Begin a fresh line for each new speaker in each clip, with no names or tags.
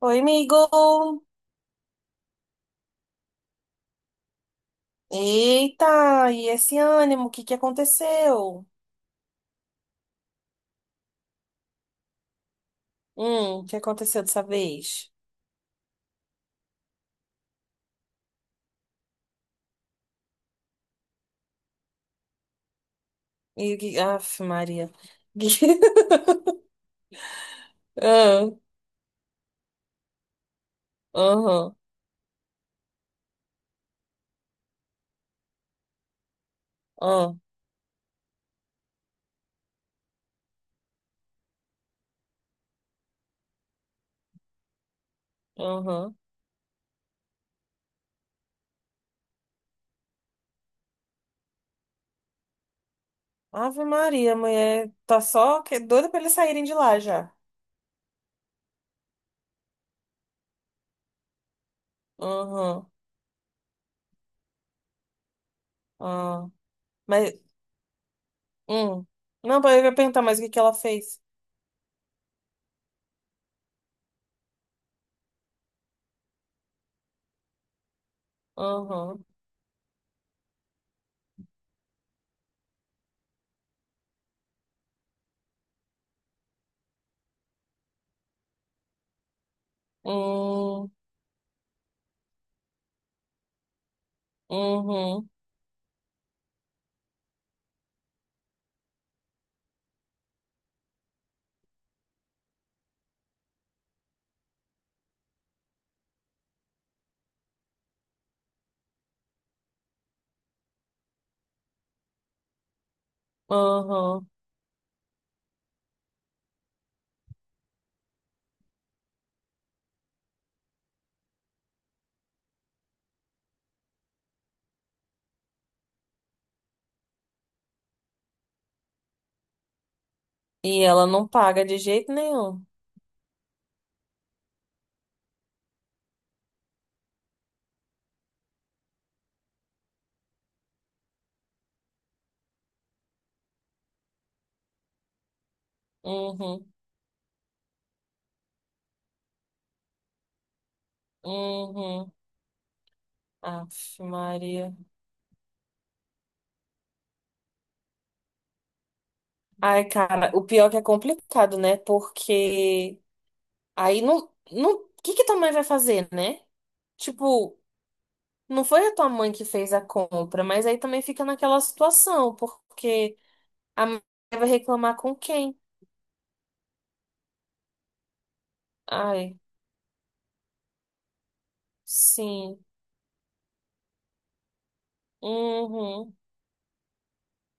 Oi, amigo! Eita, e esse ânimo, o que que aconteceu? O que aconteceu dessa vez? Aff, Maria. Ah, aham, ah, aham. Ave Maria, mulher, tá só que doida pra eles saírem de lá já. Aham, ah. Mas, hum. Não, eu ia perguntar mais o que que ela fez. Aham, uhum, uhum, aham. E ela não paga de jeito nenhum. Uhum. Uhum. Aff, Maria. Ai, cara, o pior é que é complicado, né? Porque aí não, não, o que que tua mãe vai fazer, né? Tipo, não foi a tua mãe que fez a compra, mas aí também fica naquela situação, porque a mãe vai reclamar com quem? Ai, sim. Uhum.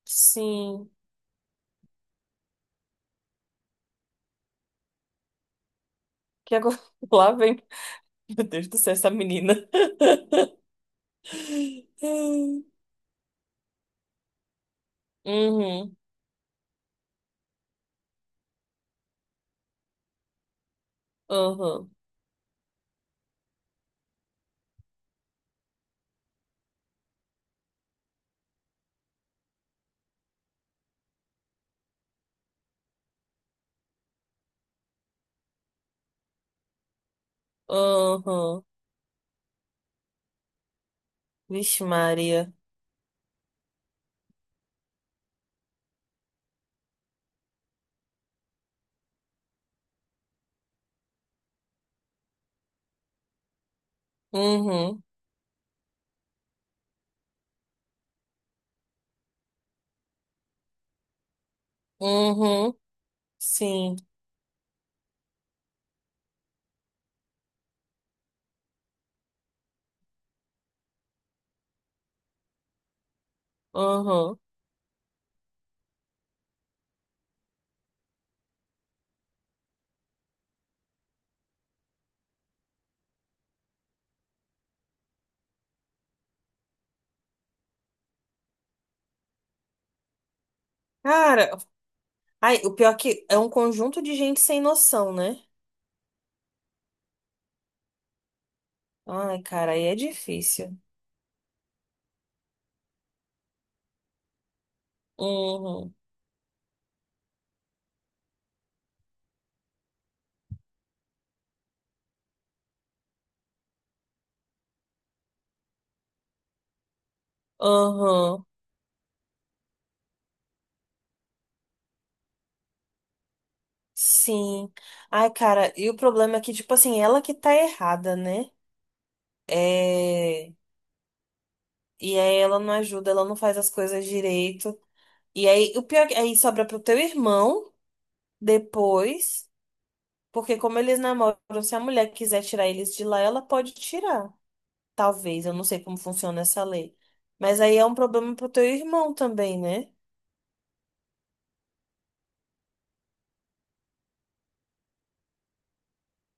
Sim. Que agora lá vem. Meu Deus do céu, essa menina. Uhum. Uhum. Uhum. Vixe, Maria. Uhum, uhum, sim, uhum. Cara, ai, o pior é que é um conjunto de gente sem noção, né? Ai, cara, aí é difícil. Uhum, uhum, sim. Ai, cara, e o problema é que, tipo assim, ela que tá errada, né? É. E aí ela não ajuda, ela não faz as coisas direito. E aí, o pior é que aí sobra pro teu irmão depois, porque como eles namoram, se a mulher quiser tirar eles de lá, ela pode tirar. Talvez, eu não sei como funciona essa lei. Mas aí é um problema pro teu irmão também, né?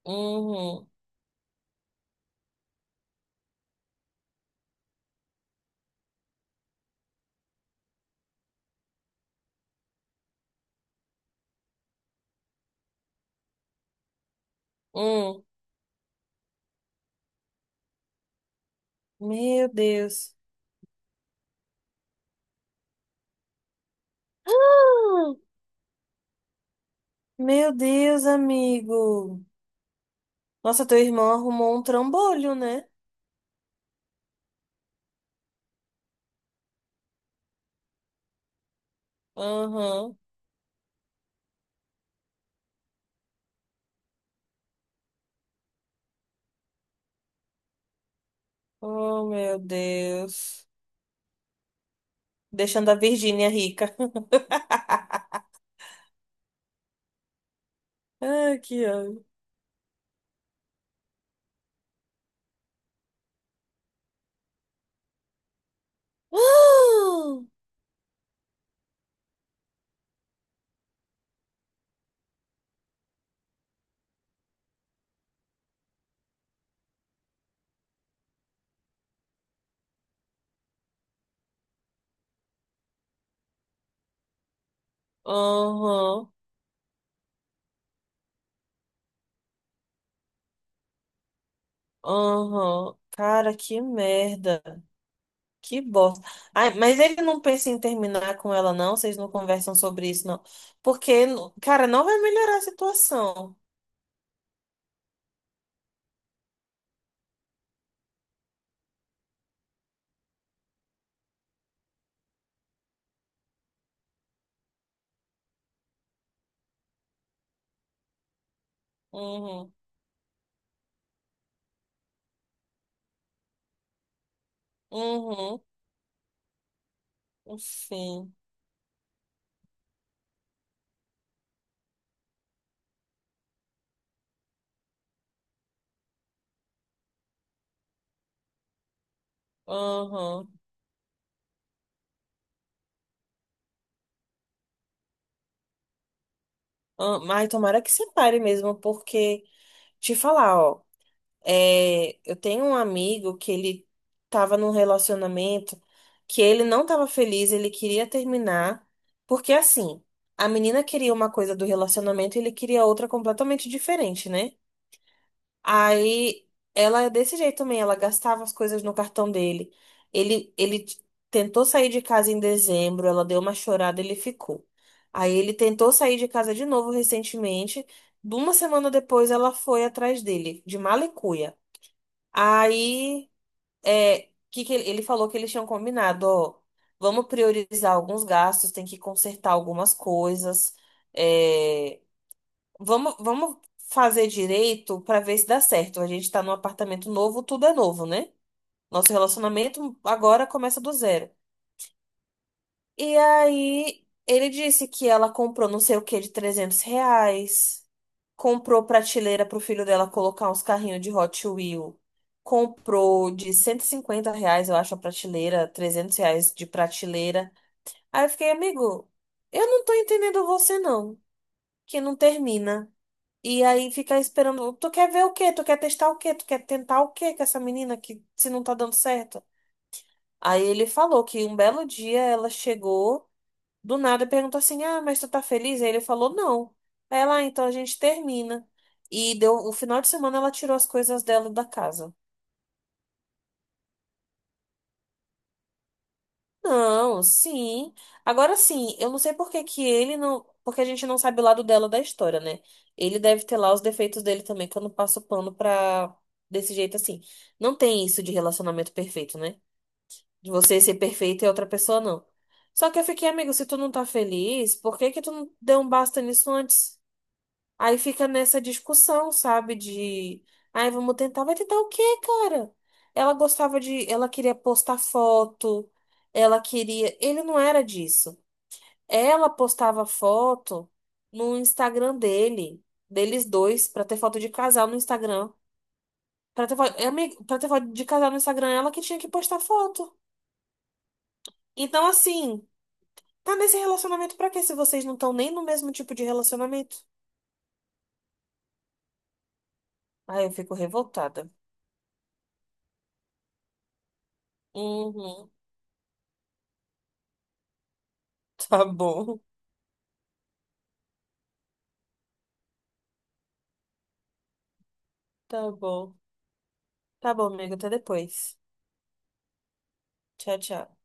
Uhum. Hum. Meu Deus. Ah! Meu Deus, amigo. Nossa, teu irmão arrumou um trambolho, né? Aham. Oh, meu Deus. Deixando a Virgínia rica. Ai, que ódio. Ah! Aham. Aham. Cara, que merda. Que bosta. Ai, mas ele não pensa em terminar com ela, não? Vocês não conversam sobre isso, não? Porque, cara, não vai melhorar a situação. Uhum, uhum, enfim. Uhum. Ah, mas tomara que separe mesmo, porque, te falar, ó, é, eu tenho um amigo que ele tava num relacionamento que ele não tava feliz, ele queria terminar, porque assim, a menina queria uma coisa do relacionamento e ele queria outra completamente diferente, né? Aí ela é desse jeito também, ela gastava as coisas no cartão dele. Ele, ele t- tentou sair de casa em dezembro, ela deu uma chorada, ele ficou. Aí ele tentou sair de casa de novo recentemente. De uma semana depois ela foi atrás dele, de mala e cuia. Aí é, que ele falou que eles tinham combinado, ó, vamos priorizar alguns gastos, tem que consertar algumas coisas. eh, vamos fazer direito pra ver se dá certo. A gente tá num apartamento novo, tudo é novo, né? Nosso relacionamento agora começa do zero. E aí, ele disse que ela comprou não sei o que de R$ 300, comprou prateleira pro filho dela colocar uns carrinhos de Hot Wheels, comprou de R$ 150, eu acho, a prateleira, R$ 300 de prateleira. Aí eu fiquei, amigo, eu não tô entendendo você não, que não termina. E aí fica esperando. Tu quer ver o quê? Tu quer testar o quê? Tu quer tentar o quê com essa menina que se não tá dando certo? Aí ele falou que um belo dia ela chegou do nada e perguntou assim: Ah, mas tu tá feliz? Aí ele falou: Não. Aí lá, então a gente termina. E deu o final de semana ela tirou as coisas dela da casa. Não, sim. Agora sim, eu não sei por que que ele não. Porque a gente não sabe o lado dela da história, né? Ele deve ter lá os defeitos dele também, que eu não passo pano pra. Desse jeito assim. Não tem isso de relacionamento perfeito, né? De você ser perfeito e a outra pessoa não. Só que eu fiquei, amigo, se tu não tá feliz, por que que tu não deu um basta nisso antes? Aí fica nessa discussão, sabe? De, ai, vamos tentar. Vai tentar o quê, cara? Ela gostava de, ela queria postar foto, ela queria. Ele não era disso. Ela postava foto no Instagram dele, deles dois, pra ter foto de casal no Instagram. É, amigo, pra ter foto de casal no Instagram, ela que tinha que postar foto. Então, assim, tá nesse relacionamento pra quê se vocês não estão nem no mesmo tipo de relacionamento? Ai, eu fico revoltada. Uhum, tá bom. Tá bom. Tá bom, amigo. Até depois. Tchau, tchau.